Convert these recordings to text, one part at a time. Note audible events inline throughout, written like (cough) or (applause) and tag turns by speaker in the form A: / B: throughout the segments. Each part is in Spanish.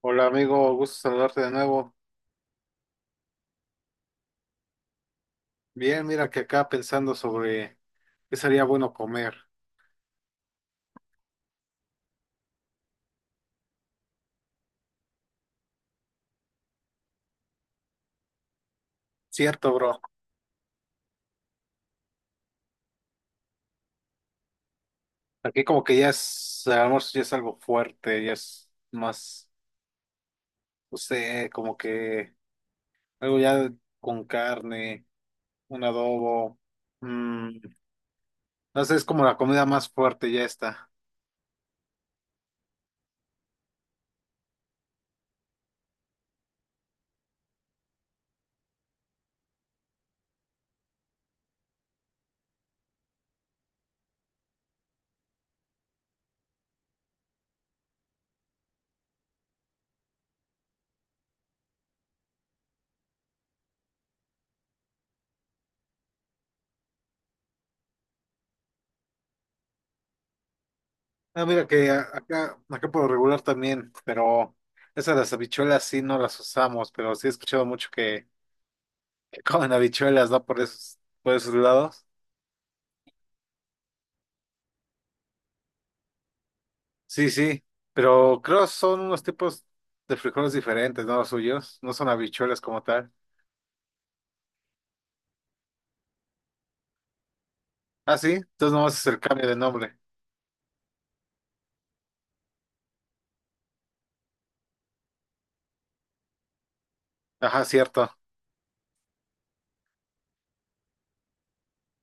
A: Hola amigo, gusto saludarte de nuevo. Bien, mira que acá pensando sobre qué sería bueno comer. Cierto, bro. Aquí como que ya es, el almuerzo ya es algo fuerte, ya es más, no sé, como que algo ya con carne, un adobo. mm, no sé, es como la comida más fuerte, ya está. Ah, mira que acá, acá por lo regular también, pero esas las habichuelas sí no las usamos, pero sí he escuchado mucho que comen habichuelas, ¿no? Por esos lados. Sí, sí, pero creo son unos tipos de frijoles diferentes, ¿no? Los suyos, no son habichuelas como tal. Ah, sí, entonces nomás es el cambio de nombre. Ajá, cierto.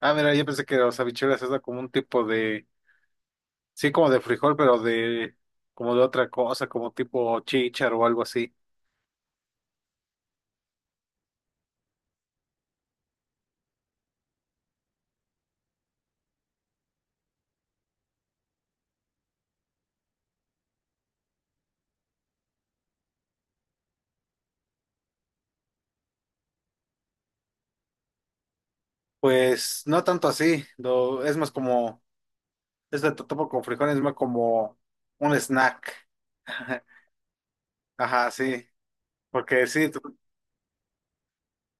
A: Ah, mira, yo pensé que los habichuelas era como un tipo de, sí, como de frijol, pero de, como de otra cosa, como tipo chícharo o algo así. Pues no tanto así, es más como, es de totopo con frijoles, es más como un snack. (laughs) Ajá, sí, porque sí,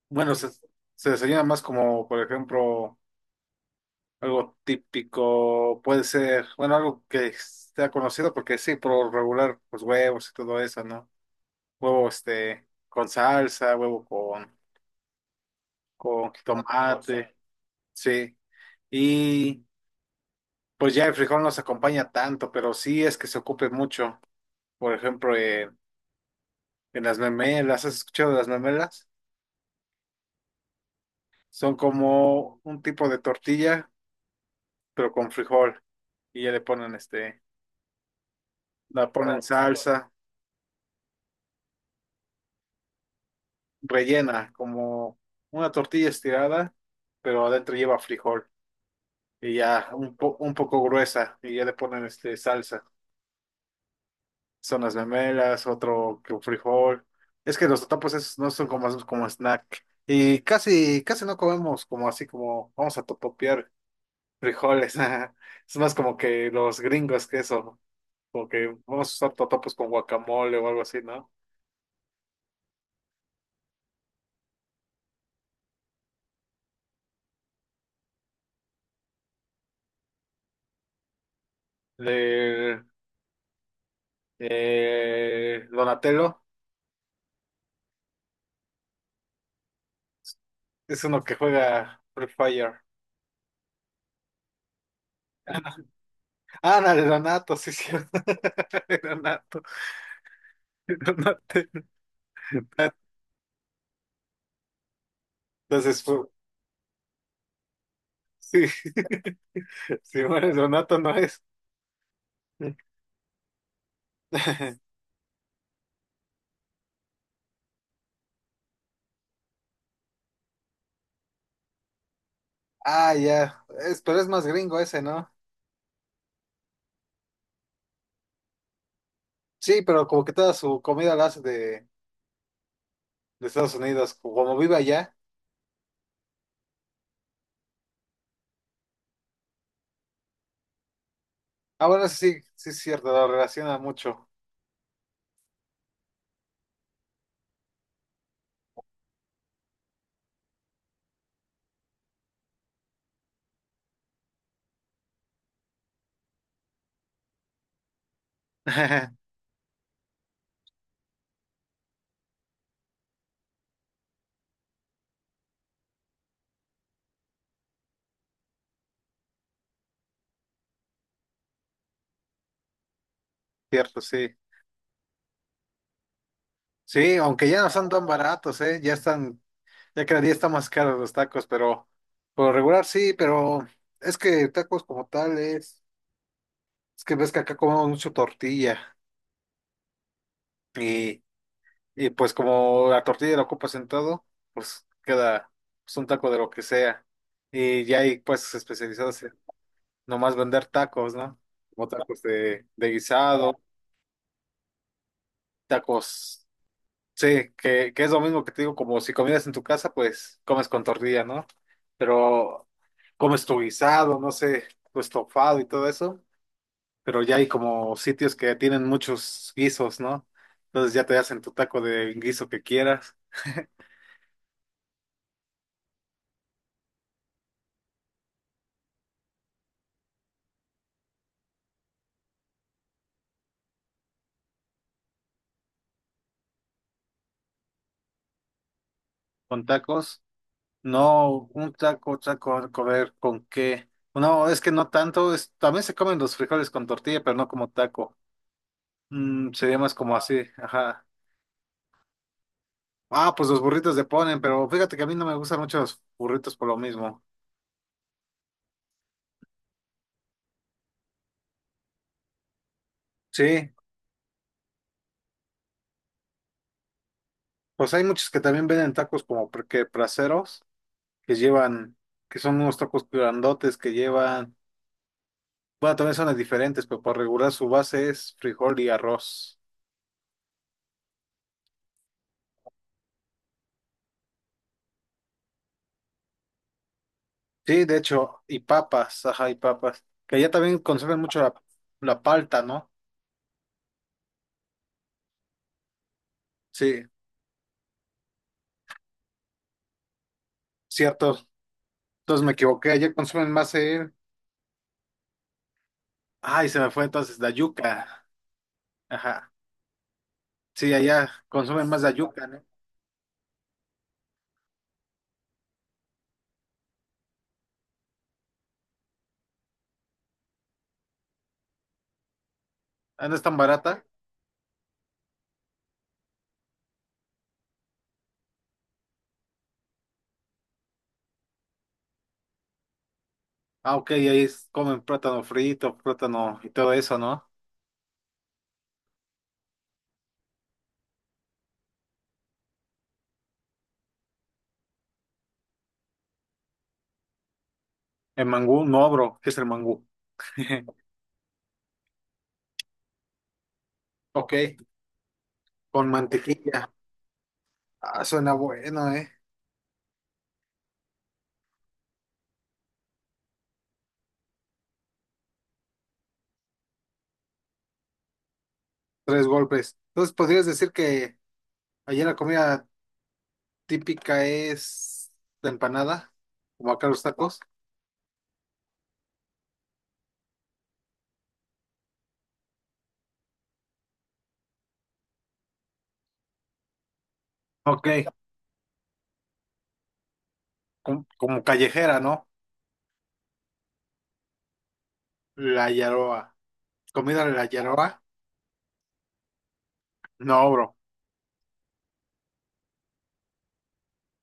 A: bueno, se desayuna más como, por ejemplo, algo típico, puede ser, bueno, algo que sea conocido porque sí, por lo regular, pues huevos y todo eso, ¿no? Huevo este con salsa, huevo con huevo jitomate, sí. Y pues ya el frijol no se acompaña tanto, pero sí es que se ocupe mucho. Por ejemplo, en las memelas, ¿has escuchado de las memelas? Son como un tipo de tortilla, pero con frijol. Y ya le ponen este, la ponen salsa. Rellena, como una tortilla estirada, pero adentro lleva frijol y ya un, un poco gruesa y ya le ponen este salsa. Son las memelas, otro que un frijol. Es que los totopos esos no son como, como snack. Y casi, casi no comemos como así como vamos a totopear frijoles. (laughs) Es más como que los gringos que eso, como que vamos a usar totopos con guacamole o algo así, ¿no? De Donatello. Es uno que juega Free Fire. Ah, no, el Donato, sí, sí. (laughs) El Donato, el Donato. Entonces, pues, sí. (laughs) Si muere el Donato, no es. (laughs) Ah, ya. Es, pero es más gringo ese, ¿no? Sí, pero como que toda su comida la hace de Estados Unidos, como vive allá. Ah, bueno, eso sí, sí es cierto, lo relaciona mucho. (laughs) Cierto, sí. Sí, aunque ya no son tan baratos, ¿eh? Ya están, ya cada día está más caros los tacos, pero por lo regular sí, pero es que tacos como tal es que ves que acá comemos mucho tortilla y, y pues como la tortilla la ocupas en todo, pues queda pues, un taco de lo que sea. Y ya hay puestos especializados en nomás vender tacos, ¿no? Como tacos de guisado, tacos. Sí, que es lo mismo que te digo, como si comieras en tu casa, pues comes con tortilla, ¿no? Pero comes tu guisado, no sé, tu estofado y todo eso, pero ya hay como sitios que tienen muchos guisos, ¿no? Entonces ya te hacen tu taco de guiso que quieras, con tacos. No, un taco, taco, comer con qué. No, es que no tanto, es, también se comen los frijoles con tortilla, pero no como taco. Mm, sería más como así, ajá. Ah, pues los burritos de ponen, pero fíjate que a mí no me gustan mucho los burritos por lo mismo. Sí, pues hay muchos que también venden tacos como que placeros, que llevan, que son unos tacos grandotes que llevan, bueno, también son diferentes, pero por regular su base es frijol y arroz. Sí, de hecho, y papas, ajá, y papas, que allá también consumen mucho la, la palta, ¿no? Sí, cierto, entonces me equivoqué, allá consumen más el, ay, se me fue entonces la yuca, ajá, sí, allá consumen más la yuca, ¿no? Ah, ¿no es tan barata? Ah, ok, ahí es, comen plátano frito, plátano y todo eso, ¿no? El mangú, no, bro, ¿qué es el mangú? (laughs) Ok, con mantequilla. Ah, suena bueno, ¿eh? Tres golpes. Entonces, ¿podrías decir que allá la comida típica es la empanada, como acá los tacos? Ok, como callejera, ¿no? La yaroa. ¿Comida de la yaroa? No, bro.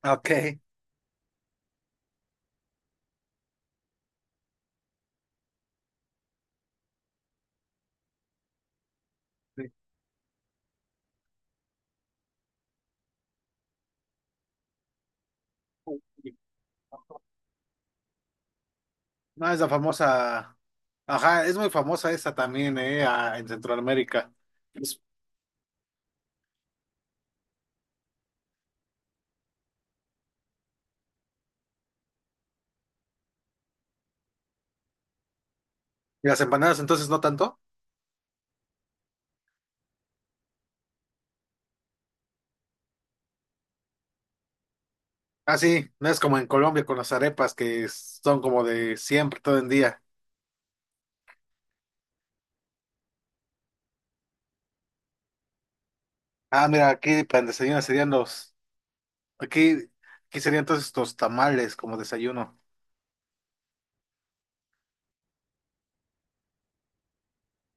A: Ok. No, es la famosa. Ajá, es muy famosa esa también, ¿eh? Ah, en Centroamérica. Pues, ¿y las empanadas entonces no tanto? Ah, sí, no es como en Colombia con las arepas que son como de siempre, todo el día. Ah, mira, aquí para el desayuno serían los. Aquí, aquí serían entonces los tamales como desayuno.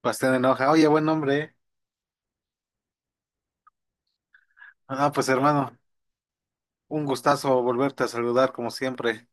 A: Pastel en hoja. Oye, buen nombre, ¿eh? Ah, pues hermano, un gustazo volverte a saludar como siempre.